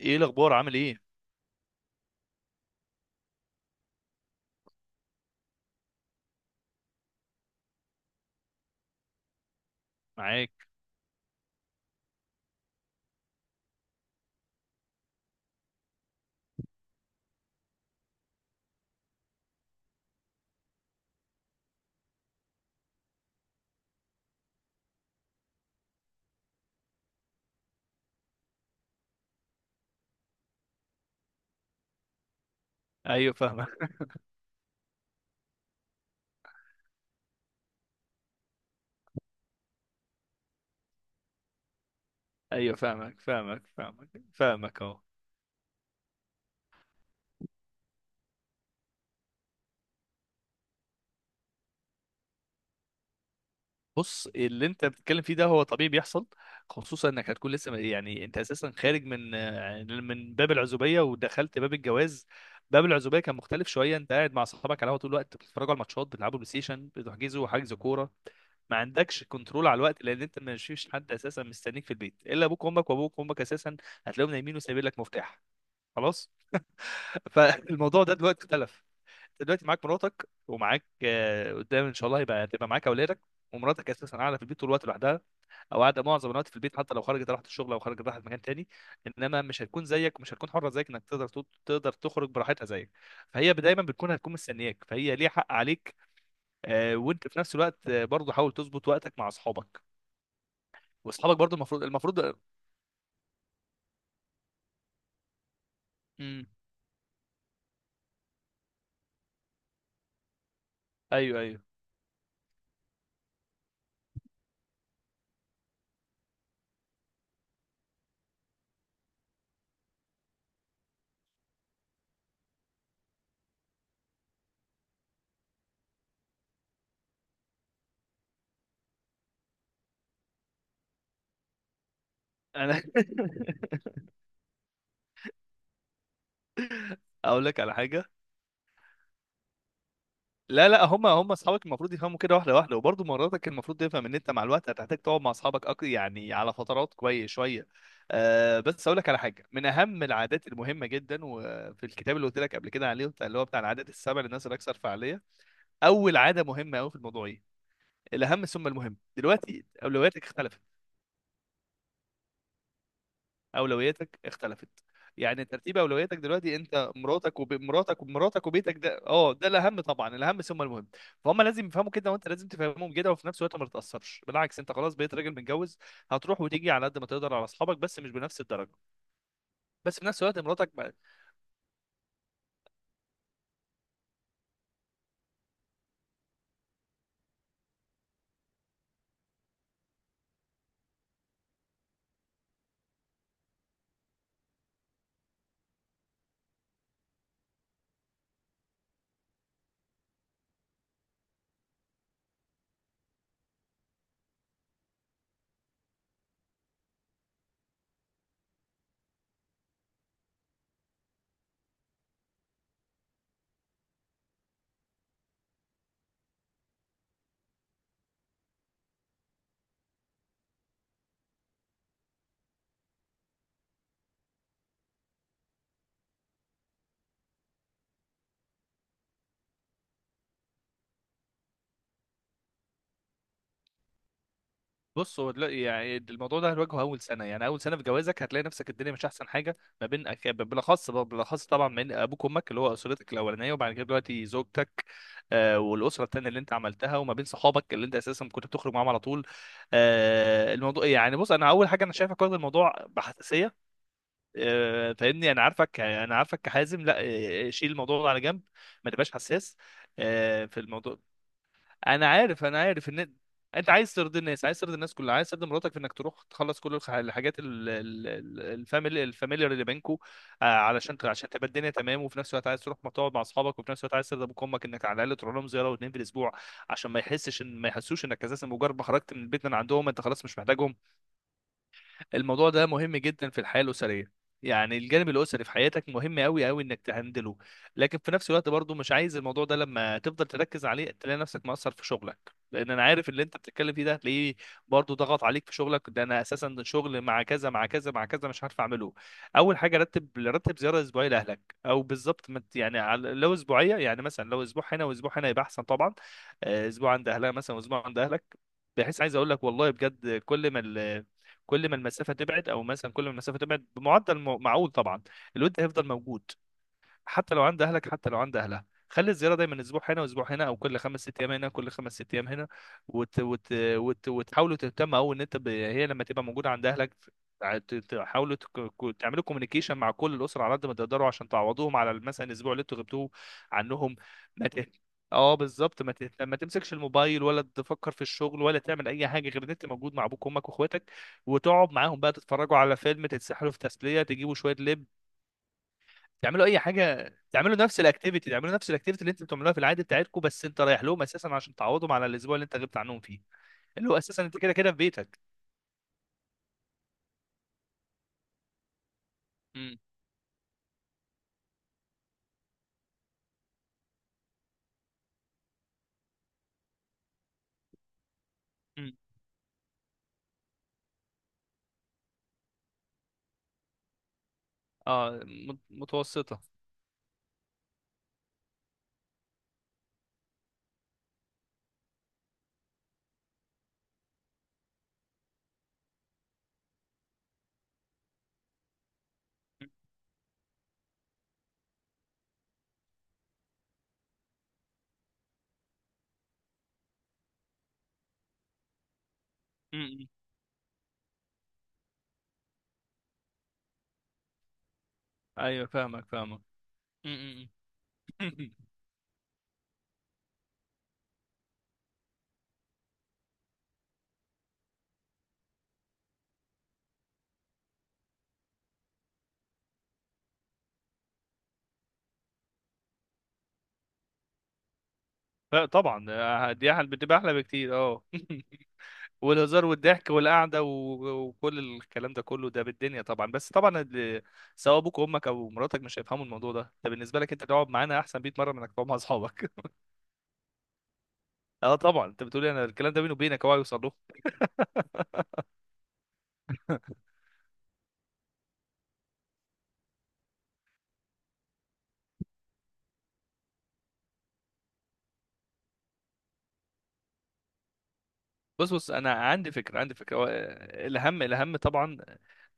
ايه الاخبار؟ عامل ايه؟ معاك. ايوه، فاهمك. ايوه فاهمك، فاهمك اهو. بص، اللي انت بتتكلم فيه ده هو طبيعي بيحصل. خصوصا انك هتكون لسه يعني انت اساسا خارج من من باب العزوبيه ودخلت باب الجواز. باب العزوبيه كان مختلف شويه. انت قاعد مع صحابك على القهوه طول الوقت، بتتفرجوا على الماتشات، بتلعبوا بلاي ستيشن، بتحجزوا حجز كوره. ما عندكش كنترول على الوقت، لان انت ما فيش حد اساسا مستنيك في البيت الا ابوك وامك، وابوك وامك اساسا هتلاقيهم نايمين وسايبين لك مفتاح. خلاص. فالموضوع ده دلوقتي اختلف. انت دلوقتي معاك مراتك، ومعاك قدام ان شاء الله هيبقى تبقى معاك اولادك. ومراتك اساسا قاعده في البيت طول الوقت لوحدها، او قاعده معظم الوقت في البيت. حتى لو خرجت راحت الشغل او خرجت راحت مكان تاني، انما مش هتكون زيك، مش هتكون حره زيك، انك تقدر تقدر تخرج براحتها زيك. فهي دايما بتكون هتكون مستنياك، فهي ليها حق عليك. وانت في نفس الوقت برضه حاول تظبط وقتك مع اصحابك. واصحابك برضه المفروض. امم ايوه ايوه. انا اقول لك على حاجه. لا لا، هم اصحابك المفروض يفهموا كده، واحده واحده. وبرضه مراتك المفروض تفهم ان انت مع الوقت هتحتاج تقعد مع اصحابك يعني على فترات كويس شويه. آه، بس اقول لك على حاجه من اهم العادات المهمه جدا، وفي الكتاب اللي قلت لك قبل كده عليه اللي هو بتاع العادات السبع للناس الاكثر فعاليه. اول عاده مهمه قوي في الموضوع ايه؟ الاهم ثم المهم. دلوقتي اولوياتك اختلفت، اولوياتك اختلفت. يعني ترتيب اولوياتك دلوقتي انت، مراتك ومراتك ومراتك وبيتك، ده اه ده الاهم طبعا. الاهم ثم المهم. فهم لازم يفهموا كده، وانت لازم تفهمهم كده، وفي نفس الوقت ما تتاثرش بالعكس. انت خلاص بقيت راجل متجوز، هتروح وتيجي على قد ما تقدر على اصحابك، بس مش بنفس الدرجه. بس في نفس الوقت مراتك. بص، هو دلوقتي يعني الموضوع ده هنواجهه اول سنه، يعني اول سنه في جوازك هتلاقي نفسك الدنيا مش احسن حاجه ما بين بالاخص طبعا من ابوك وامك اللي هو اسرتك الاولانيه، وبعد كده دلوقتي زوجتك. آه، والاسره التانيه اللي انت عملتها، وما بين صحابك اللي انت اساسا كنت بتخرج معاهم على طول. آه، الموضوع يعني بص، انا اول حاجه انا شايفك واخد الموضوع بحساسيه. آه، فاهمني؟ انا عارفك، انا عارفك كحازم. لا شيل الموضوع ده على جنب، ما تبقاش حساس في الموضوع. انا عارف، انا عارف ان انت عايز ترضي الناس، عايز ترضي الناس كلها، عايز ترضي مراتك في انك تروح تخلص كل الحاجات الفاميلي الفاميليار اللي بينكو. علشان عشان تبقى الدنيا تمام، وفي نفس الوقت عايز تروح ما تقعد مع اصحابك، وفي نفس الوقت عايز ترضي ابوك وامك انك على الاقل تروح لهم زياره واثنين في الاسبوع، عشان ما يحسش ان ما يحسوش انك اساسا مجرد ما خرجت من البيت من عندهم انت خلاص مش محتاجهم. الموضوع ده مهم جدا في الحياه الاسريه. يعني الجانب الاسري في حياتك مهم قوي قوي انك تهندله. لكن في نفس الوقت برضو مش عايز الموضوع ده لما تفضل تركز عليه تلاقي نفسك مقصر في شغلك. لان انا عارف اللي انت بتتكلم فيه ده هتلاقيه برضو ضغط عليك في شغلك، ده انا اساسا شغل مع كذا مع كذا مع كذا مش عارف اعمله. اول حاجه، رتب زياره اسبوعيه لاهلك، او بالظبط ما ت- يعني لو اسبوعيه يعني مثلا لو اسبوع هنا واسبوع هنا يبقى احسن طبعا. اسبوع عند اهلها مثلا واسبوع عند اهلك، بحيث عايز اقول لك والله بجد، كل ما كل ما المسافه تبعد، او مثلا كل ما المسافه تبعد بمعدل معقول طبعا، الود هيفضل موجود. حتى لو عند اهلك، حتى لو عند اهلها، خلي الزياره دايما اسبوع هنا واسبوع هنا، او كل خمس ست ايام هنا كل خمس ست ايام هنا. وت... وت... وتحاولوا تهتموا، او ان انت هي لما تبقى موجوده عند اهلك تحاولوا تعملوا كوميونيكيشن مع كل الاسره على قد ما تقدروا، عشان تعوضوهم على مثلا الاسبوع اللي انتوا غبتوه عنهم. ما ت... اه بالظبط، ما تمسكش الموبايل، ولا تفكر في الشغل، ولا تعمل اي حاجه غير ان انت موجود مع ابوك وامك واخواتك، وتقعد معاهم بقى تتفرجوا على فيلم، تتسحلوا في تسليه، تجيبوا شويه لب، تعملوا اي حاجه، تعملوا نفس الاكتيفيتي، تعملوا نفس الاكتيفيتي اللي انتوا بتعملوها في العادي بتاعتكم، بس انت رايح لهم اساسا عشان تعوضهم على الاسبوع اللي انت غبت عنهم فيه. اللي هو اساسا انت كده كده في بيتك. امم امم. اه، متوسطه. امم. ايوه، فاهمك. امم. طبعا، دي احلى، بتبقى احلى بكتير. اه والهزار والضحك والقعده وكل الكلام ده كله، ده بالدنيا طبعا. بس طبعا سواء ابوك وامك او مراتك مش هيفهموا الموضوع ده. ده بالنسبه لك انت تقعد معانا احسن 100 مره من انك تقعد مع اصحابك. اه طبعا، انت بتقولي انا الكلام ده بيني وبينك، هو هيوصل له. بص بص، انا عندي فكره، عندي فكره. هو، آه، الاهم، الاهم طبعا،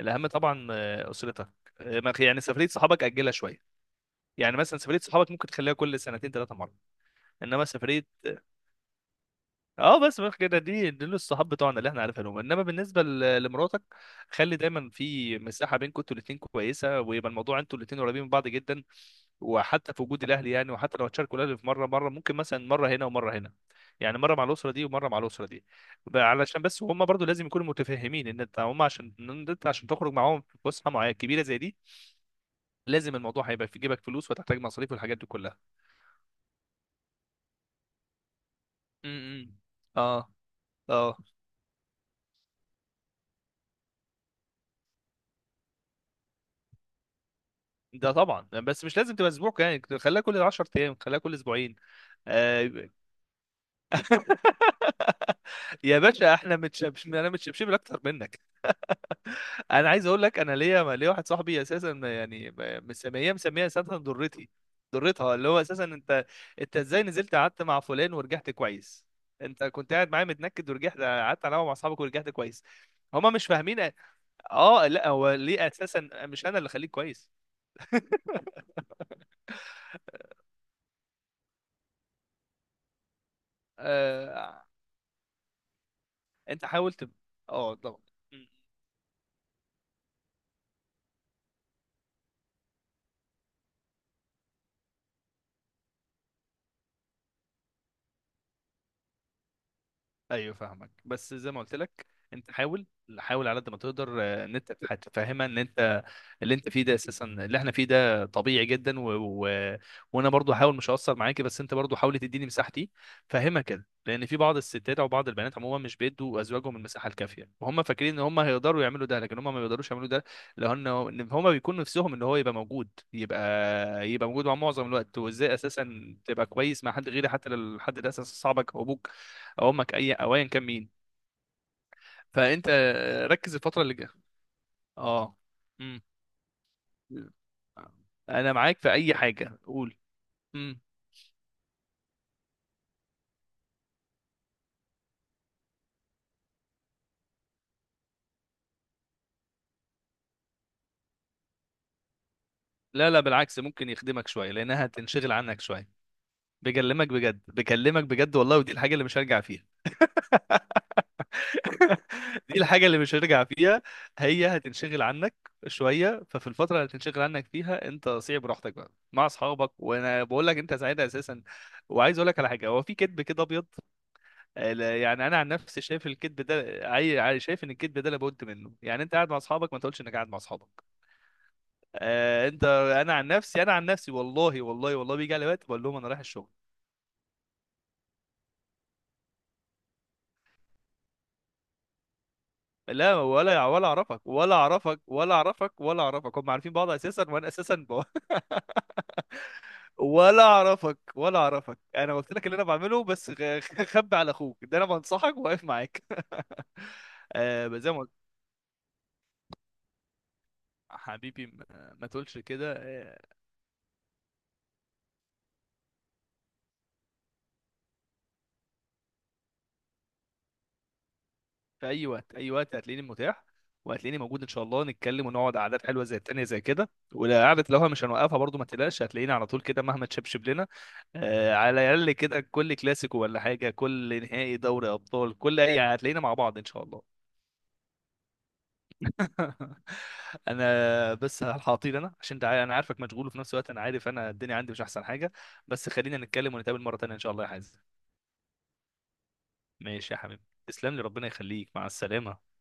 الاهم طبعا اسرتك. يعني سفريه صحابك اجلها شويه. يعني مثلا سفريه صحابك ممكن تخليها كل سنتين ثلاثه مره، انما سفريه. اه بس كده دي دول الصحاب بتوعنا اللي احنا عارفينهم، انما بالنسبه لمراتك خلي دايما في مساحه بينكم انتوا الاثنين كويسه، ويبقى الموضوع انتوا الاثنين قريبين من بعض جدا. وحتى في وجود الاهل، يعني وحتى لو هتشاركوا الاهل في مره مره، ممكن مثلا مره هنا ومره هنا، يعني مره مع الاسره دي ومره مع الاسره دي. علشان بس هم برضو لازم يكونوا متفهمين ان انت هم عشان ان انت عشان تخرج معاهم في فسحه معينه كبيره زي دي، لازم الموضوع هيبقى في جيبك فلوس وتحتاج مصاريف والحاجات دي كلها. امم. اه. اه، ده طبعا. بس مش لازم تبقى اسبوع، يعني خليها كل 10 ايام، خليها كل اسبوعين. آه، يا باشا احنا متشبش، انا متشبشب اكتر منك. انا عايز اقول لك، انا ليا، ليا واحد صاحبي اساسا يعني مسميه، مسميها اساسا ضرتي، ضرتها، اللي هو اساسا انت. انت ازاي نزلت قعدت مع فلان ورجعت كويس؟ انت كنت قاعد معايا متنكد ورجعت قعدت على القهوة مع اصحابك ورجعت كويس؟ هما مش فاهمين اه لا، هو ليه اساسا مش انا اللي خليك كويس. آه، انت حاولت، اه طبعا. ايوه فاهمك. بس زي ما قلت لك، انت حاول، حاول على قد ما تقدر. ان انت هتفهمها ان انت اللي انت فيه ده اساسا، اللي احنا فيه ده طبيعي جدا و... وانا برضو هحاول مش هقصر معاكي، بس انت برضو حاول تديني مساحتي. فهمها كده، لان في بعض الستات او بعض البنات عموما مش بيدوا ازواجهم المساحه الكافيه، وهم فاكرين ان هم هيقدروا يعملوا ده لكن هم ما بيقدروش يعملوا ده، لان إن هم بيكونوا نفسهم ان هو يبقى موجود، يبقى موجود مع معظم الوقت. وازاي اساسا تبقى كويس مع حد غيري حتى لو الحد ده اساسا صاحبك او ابوك او امك، اي او ايا كان مين. فانت ركز الفتره اللي جايه. اه. امم. انا معاك في اي حاجه، قول. امم. لا لا، بالعكس، ممكن يخدمك شويه، لانها هتنشغل عنك شويه. بكلمك بجد، بكلمك بجد والله، ودي الحاجه اللي مش هرجع فيها. دي الحاجه اللي مش هرجع فيها. هي هتنشغل عنك شويه، ففي الفتره اللي هتنشغل عنك فيها انت صيع براحتك بقى مع اصحابك، وانا بقول لك انت سعيد اساسا. وعايز اقول لك على حاجه، هو في كذب كده ابيض، يعني انا عن نفسي شايف الكذب ده شايف ان الكذب ده لابد منه. يعني انت قاعد مع اصحابك ما تقولش انك قاعد مع اصحابك. آه، انت، انا عن نفسي، انا عن نفسي والله والله والله بيجي علي وقت بقول لهم انا رايح الشغل. لا، ولا ولا اعرفك ولا اعرفك. هم عارفين بعض اساسا وانا اساسا ولا اعرفك. انا قلت لك اللي انا بعمله بس خبي على اخوك ده، انا بنصحك واقف معاك. آه، زي ما قلت. حبيبي ما تقولش كده. في اي وقت، اي وقت هتلاقيني متاح، وهتلاقيني موجود ان شاء الله نتكلم، ونقعد قعدات حلوه زي التانية زي كده. وقعدة لوحة مش هنوقفها برضو، ما تقلقش، هتلاقيني على طول كده مهما تشبشب لنا. آه، على الاقل كده كل كلاسيكو ولا حاجه، كل نهائي دوري ابطال، كل اي هتلاقينا مع بعض ان شاء الله. انا بس هطير، انا عشان انت انا عارفك مشغول، وفي نفس الوقت انا عارف انا الدنيا عندي مش احسن حاجه. بس خلينا نتكلم ونتقابل مره تانية ان شاء الله يا حازم. ماشي يا حبيبي، تسلم لي، ربنا يخليك، مع السلامه.